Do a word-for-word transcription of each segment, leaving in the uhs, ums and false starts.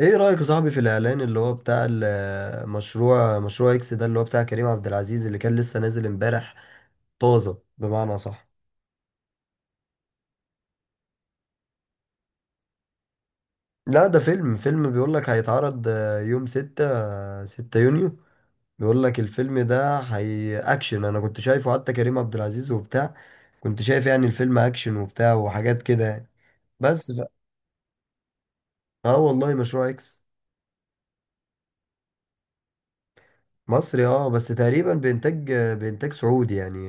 ايه رأيك يا صاحبي في الاعلان اللي هو بتاع المشروع، مشروع اكس ده، اللي هو بتاع كريم عبد العزيز اللي كان لسه نازل امبارح، طازة بمعنى صح. لا، ده فيلم فيلم بيقول لك هيتعرض آه، يوم 6 6 يونيو. بيقول لك الفيلم ده هي اكشن، انا كنت شايفه، حتى كريم عبد العزيز وبتاع، كنت شايف يعني الفيلم اكشن وبتاع وحاجات كده يعني. بس ف... اه والله مشروع اكس مصري اه، بس تقريبا بإنتاج آه، بإنتاج سعودي يعني،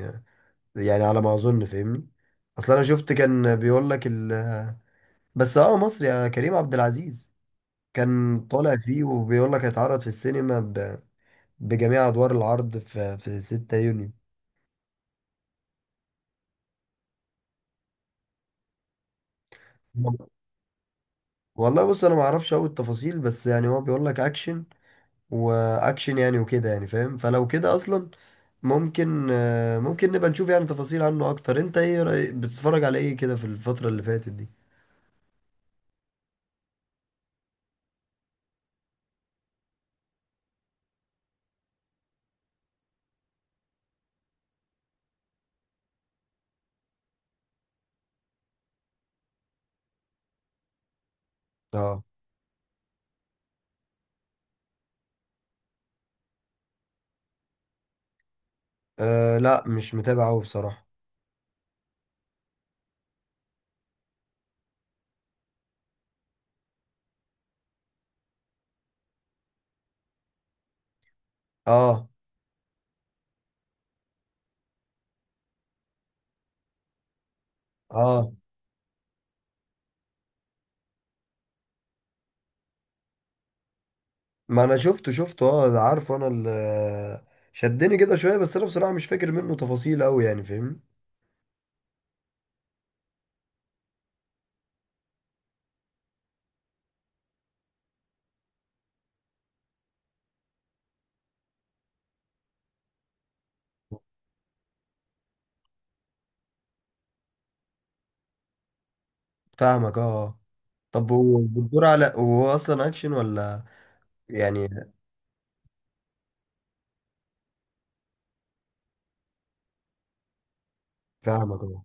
يعني على ما اظن فاهمني. اصل انا شفت كان بيقول لك ال... بس اه مصري، آه، كريم عبد العزيز كان طالع فيه وبيقول لك هيتعرض في السينما ب... بجميع ادوار العرض في في ستة يونيو. والله بص، انا ما اعرفش قوي التفاصيل، بس يعني هو بيقول لك اكشن واكشن يعني وكده، يعني فاهم، فلو كده اصلا ممكن، آه، ممكن نبقى نشوف يعني تفاصيل عنه اكتر. انت ايه رأي... بتتفرج على ايه كده في الفترة اللي فاتت دي؟ اه آه، لا مش متابع قوي بصراحة. اه اه، ما انا شفته شفته اه، ده عارفه، انا اللي شدني كده شويه، بس انا بصراحه مش فاكر منه تفاصيل قوي يعني فاهم. فاهمك اه آه. طب هو بتدور على، هو اصلا اكشن ولا يعني؟ فاهمك اه.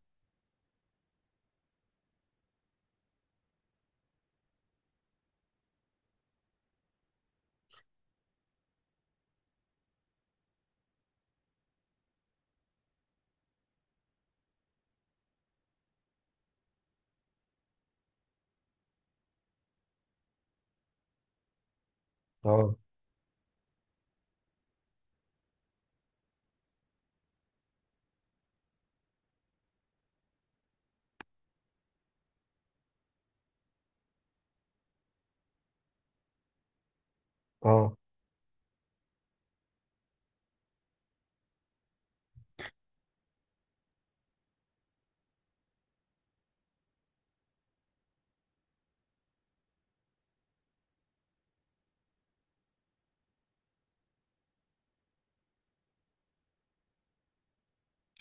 اه. اه.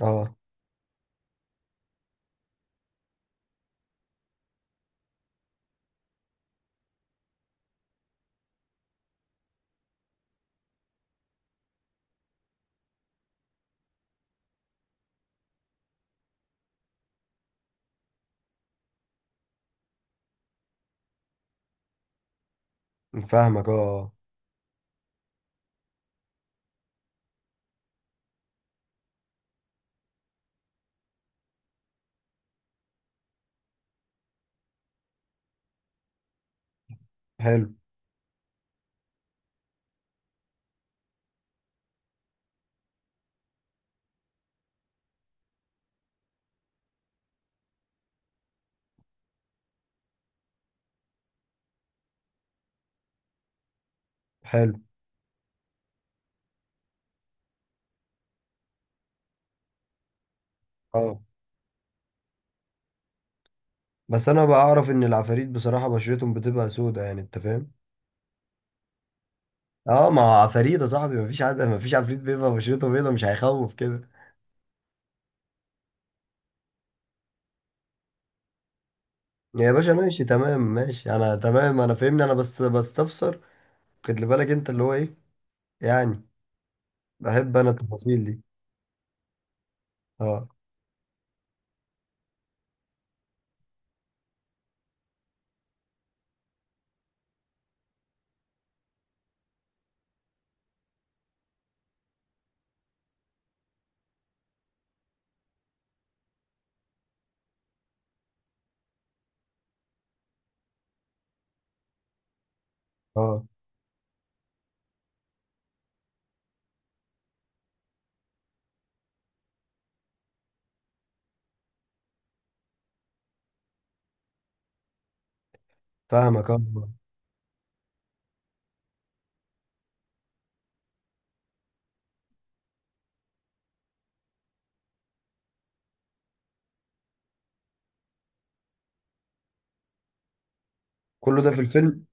اه. فاهمك اه آه. حلو. حلو. اه، بس انا بعرف ان العفاريت بصراحه بشرتهم بتبقى سودة يعني، انت فاهم. اه، ما هو عفاريت يا صاحبي، مفيش، عاد مفيش عفريت بيبقى بشرته بيضه، مش هيخوف كده. يا باشا ماشي تمام، ماشي انا تمام، انا فاهمني، انا بس بستفسر. خد لي بالك انت اللي هو ايه، يعني بحب انا التفاصيل دي. اه. اه. فاهمك اه آه. كله ده في الفيلم؟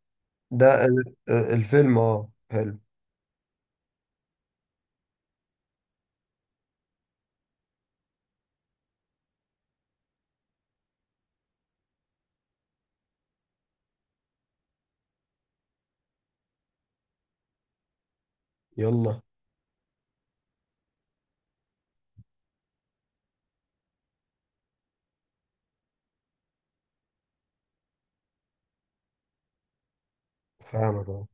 ده ال- آه، الفيلم اه حلو. يلا. فاهمك اه.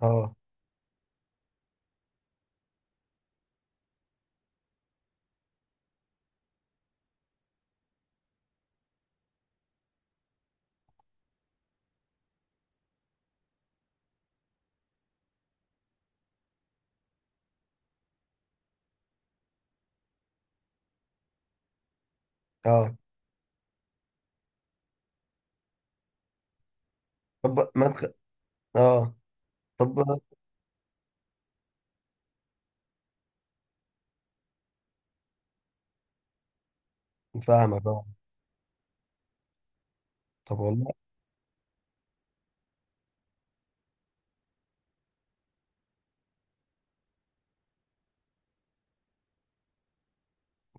اه. اه. طب ما تخ... اه. طب فاهمك اه. طب والله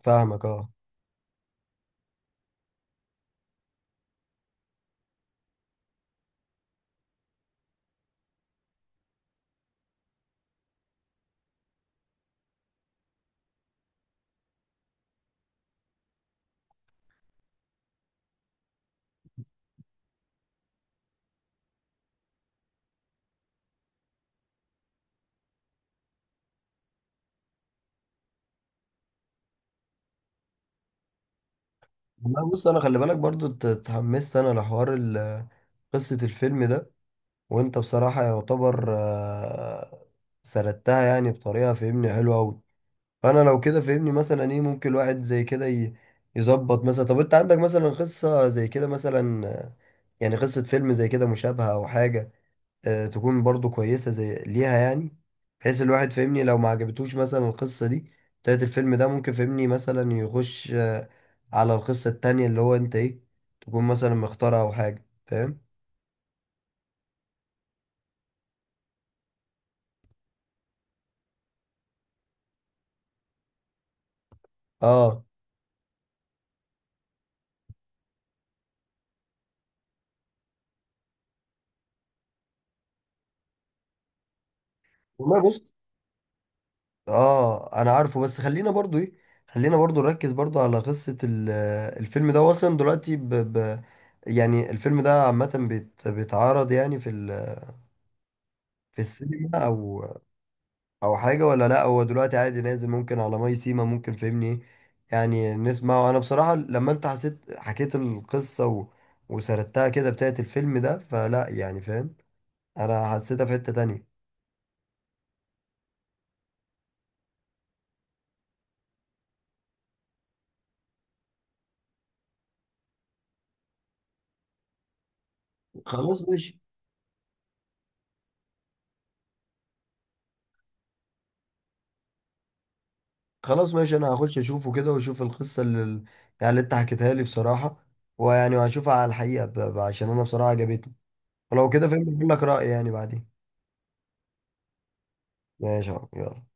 فاهمك اه. لا بص، انا خلي بالك برضو، ات- اتحمست انا لحوار ال- قصة الفيلم ده، وانت بصراحة يعتبر آه، سردتها يعني بطريقة فهمني حلوة أوي. فانا لو كده فهمني مثلا ايه ممكن الواحد زي كده ي- يظبط مثلا. طب انت عندك مثلا قصة زي كده مثلا، آه، يعني قصة فيلم زي كده مشابهة او حاجة، آه، تكون برضو كويسة زي ليها يعني، بحيث الواحد فهمني لو ما عجبتوش مثلا القصة دي بتاعت الفيلم ده، ممكن فهمني مثلا يخش آه، على القصة التانية، اللي هو انت ايه تكون مثلا مختارها او حاجة فاهم. اه والله بص، اه انا عارفه، بس خلينا برضو ايه، خلينا برضو نركز برضو على قصة ال- آه، الفيلم ده، هو اصلا دلوقتي ب... ب... يعني الفيلم ده عامة بيت... بيتعرض يعني في ال... في السينما او او حاجة ولا لا؟ هو دلوقتي عادي نازل، ممكن على ماي سيما ممكن فهمني ايه، يعني نسمعه؟ انا بصراحة لما انت حسيت حكيت القصة و... وسردتها كده بتاعت الفيلم ده، فلا يعني فاهم، انا حسيتها في حتة تانية. خلاص ماشي. خلاص ماشي، انا هخش اشوفه كده، واشوف القصه اللي يعني اللي انت حكيتها لي بصراحه، ويعني وهشوفها على الحقيقه ب... ب- عشان انا بصراحه عجبتني، ولو كده فاهم بقول لك رايي يعني بعدين. ماشي يا عم، يلا.